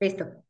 Listo.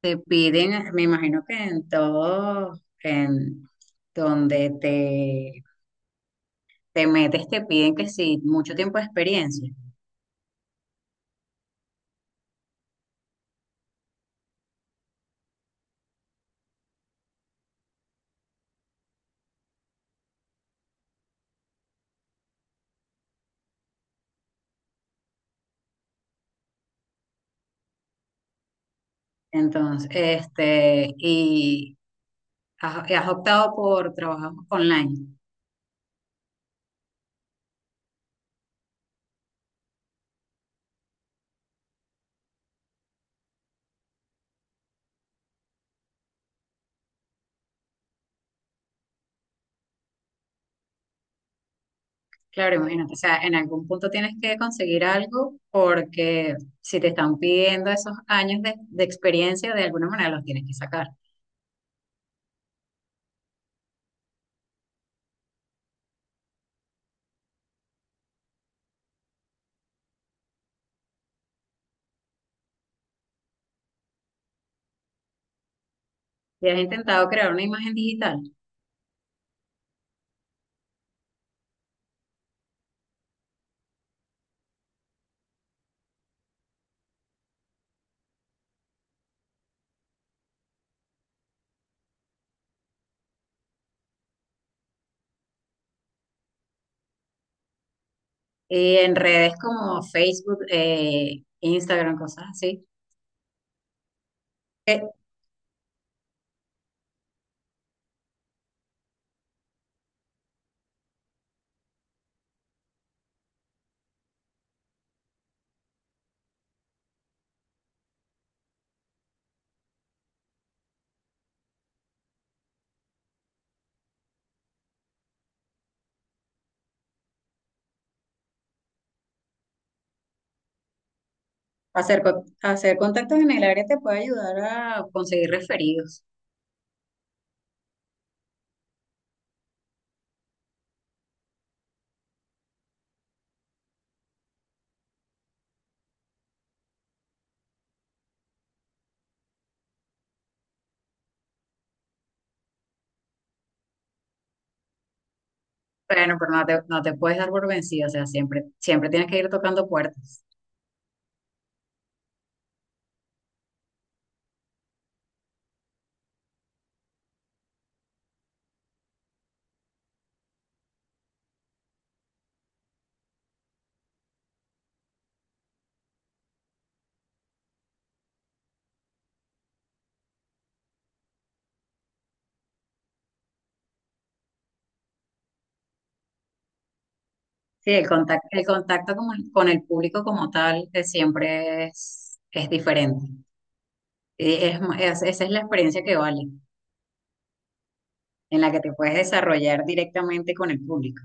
Te piden, me imagino que en todo, en donde te, te metes, te piden que sí, mucho tiempo de experiencia. Entonces, y has optado por trabajar online. Claro, imagínate, o sea, en algún punto tienes que conseguir algo porque si te están pidiendo esos años de experiencia, de alguna manera los tienes que sacar. ¿Y has intentado crear una imagen digital? Y en redes como Facebook, Instagram, cosas así. Eh, Hacer contactos en el área te puede ayudar a conseguir referidos. Bueno, pero no te puedes dar por vencido, o sea, siempre, siempre tienes que ir tocando puertas. Sí, el contacto, con el público como tal siempre es diferente. Y esa es la experiencia que vale, en la que te puedes desarrollar directamente con el público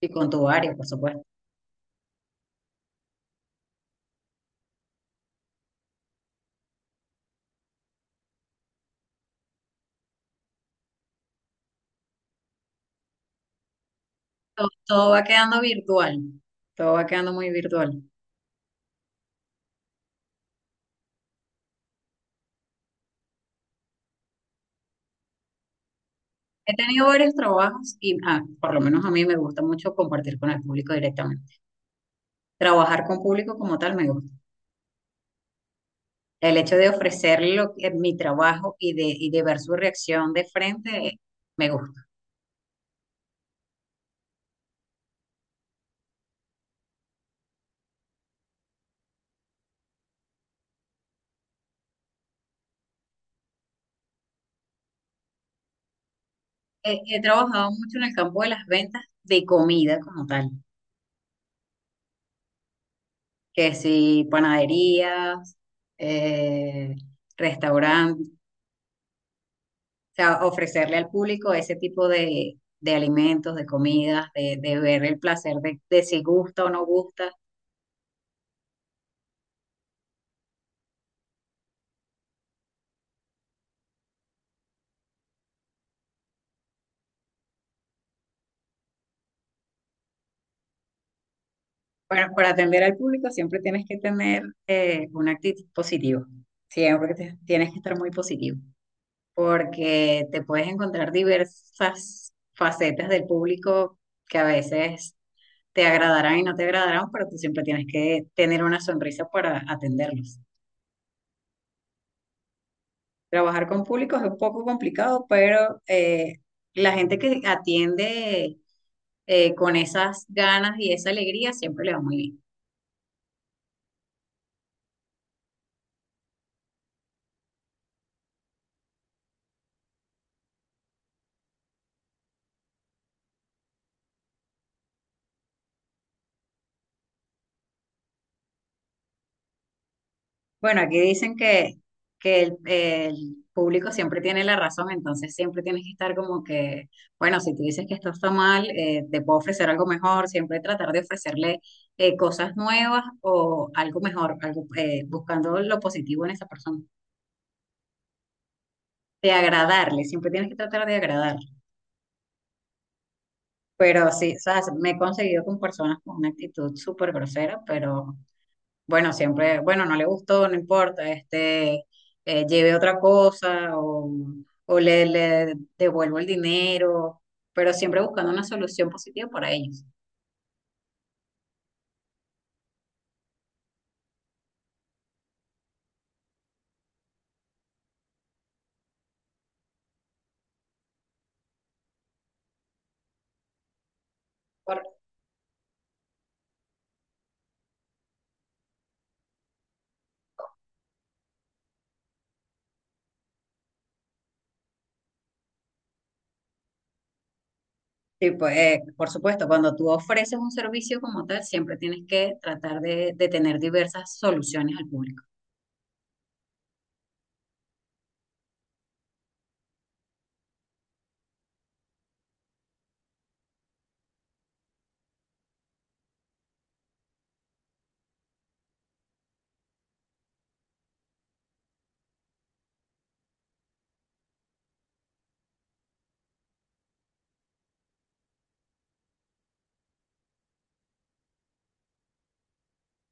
y con tu área, por supuesto. Todo, todo va quedando virtual, todo va quedando muy virtual. He tenido varios trabajos y por lo menos a mí me gusta mucho compartir con el público directamente. Trabajar con público como tal me gusta. El hecho de ofrecerle mi trabajo y de ver su reacción de frente, me gusta. He trabajado mucho en el campo de las ventas de comida como tal, que si panaderías, eh, restaurantes, sea, ofrecerle al público ese tipo de alimentos, de comidas, de ver el placer de si gusta o no gusta. Bueno, para atender al público siempre tienes que tener una actitud positiva. Tienes que estar muy positivo, porque te puedes encontrar diversas facetas del público que a veces te agradarán y no te agradarán, pero tú siempre tienes que tener una sonrisa para atenderlos. Trabajar con públicos es un poco complicado, pero la gente que atiende con esas ganas y esa alegría siempre le va muy bien. Bueno, aquí dicen que el público siempre tiene la razón, entonces siempre tienes que estar como que, bueno, si tú dices que esto está mal, te puedo ofrecer algo mejor, siempre tratar de ofrecerle cosas nuevas o algo mejor, algo, buscando lo positivo en esa persona, de agradarle, siempre tienes que tratar de agradarle. Pero sí, o sea, me he conseguido con personas con una actitud súper grosera, pero bueno, siempre, bueno, no le gustó, no importa, lleve otra cosa o le devuelvo el dinero, pero siempre buscando una solución positiva para ellos. Por, sí, pues, por supuesto, cuando tú ofreces un servicio como tal, siempre tienes que tratar de tener diversas soluciones al público.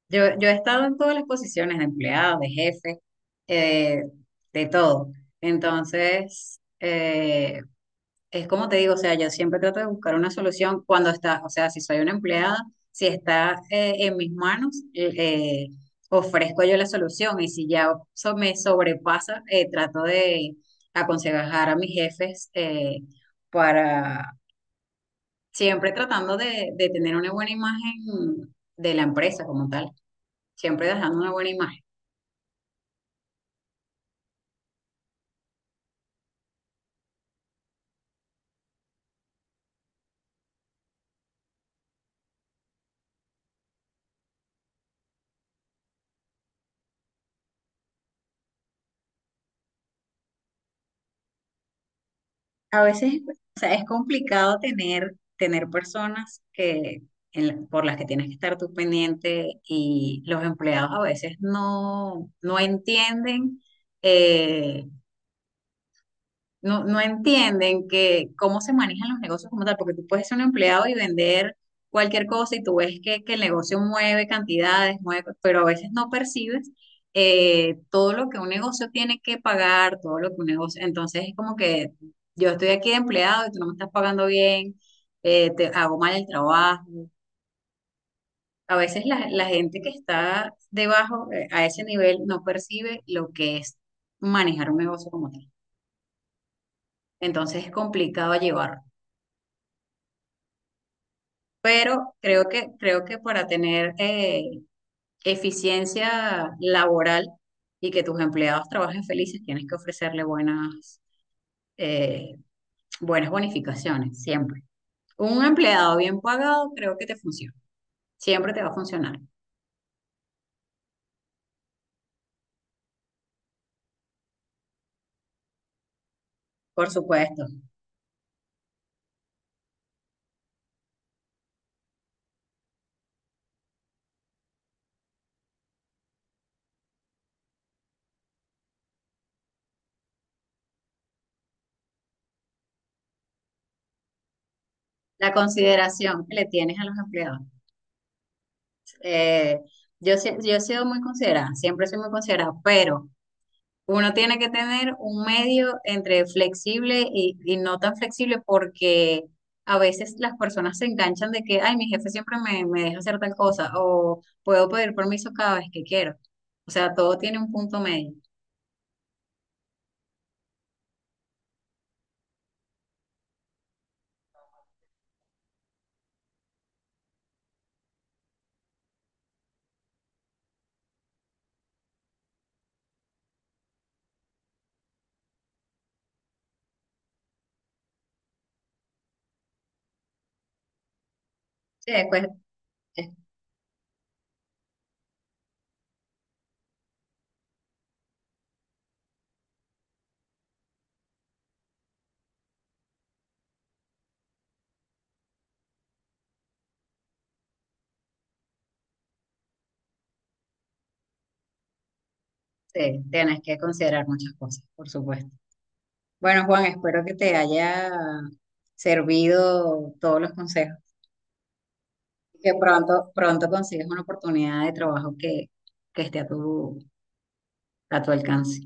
Yo he estado en todas las posiciones de empleado, de jefe, eh, de todo. Entonces, es como te digo, o sea, yo siempre trato de buscar una solución cuando está, o sea, si soy una empleada, si está en mis manos, ofrezco yo la solución y si me sobrepasa, trato de aconsejar a mis jefes para siempre tratando de tener una buena imagen de la empresa como tal siempre dejando una buena imagen. A veces, o sea, es complicado tener personas que, por las que tienes que estar tú pendiente y los empleados a veces no entienden eh, no entienden que cómo se manejan los negocios como tal, porque tú puedes ser un empleado y vender cualquier cosa y tú ves que el negocio mueve cantidades, mueve, pero a veces no percibes todo lo que un negocio tiene que pagar, todo lo que un negocio, entonces es como que yo estoy aquí de empleado y tú no me estás pagando bien, te hago mal el trabajo. A veces la gente que está debajo, a ese nivel, no percibe lo que es manejar un negocio como tal. Entonces es complicado llevarlo. Pero creo que para tener eficiencia laboral y que tus empleados trabajen felices, tienes que ofrecerle buenas, eh, buenas bonificaciones, siempre. Un empleado bien pagado creo que te funciona, siempre te va a funcionar, por supuesto. La consideración que le tienes a los empleados. Eh, yo he sido muy considerada, siempre soy muy considerada, pero... Uno tiene que tener un medio entre flexible y no tan flexible porque a veces las personas se enganchan de que, ay, mi jefe siempre me deja hacer tal cosa o puedo pedir permiso cada vez que quiero. O sea, todo tiene un punto medio. Sí, después tienes que considerar muchas cosas, por supuesto. Bueno, Juan, espero que te haya servido todos los consejos que pronto, pronto consigas una oportunidad de trabajo que esté a tu alcance.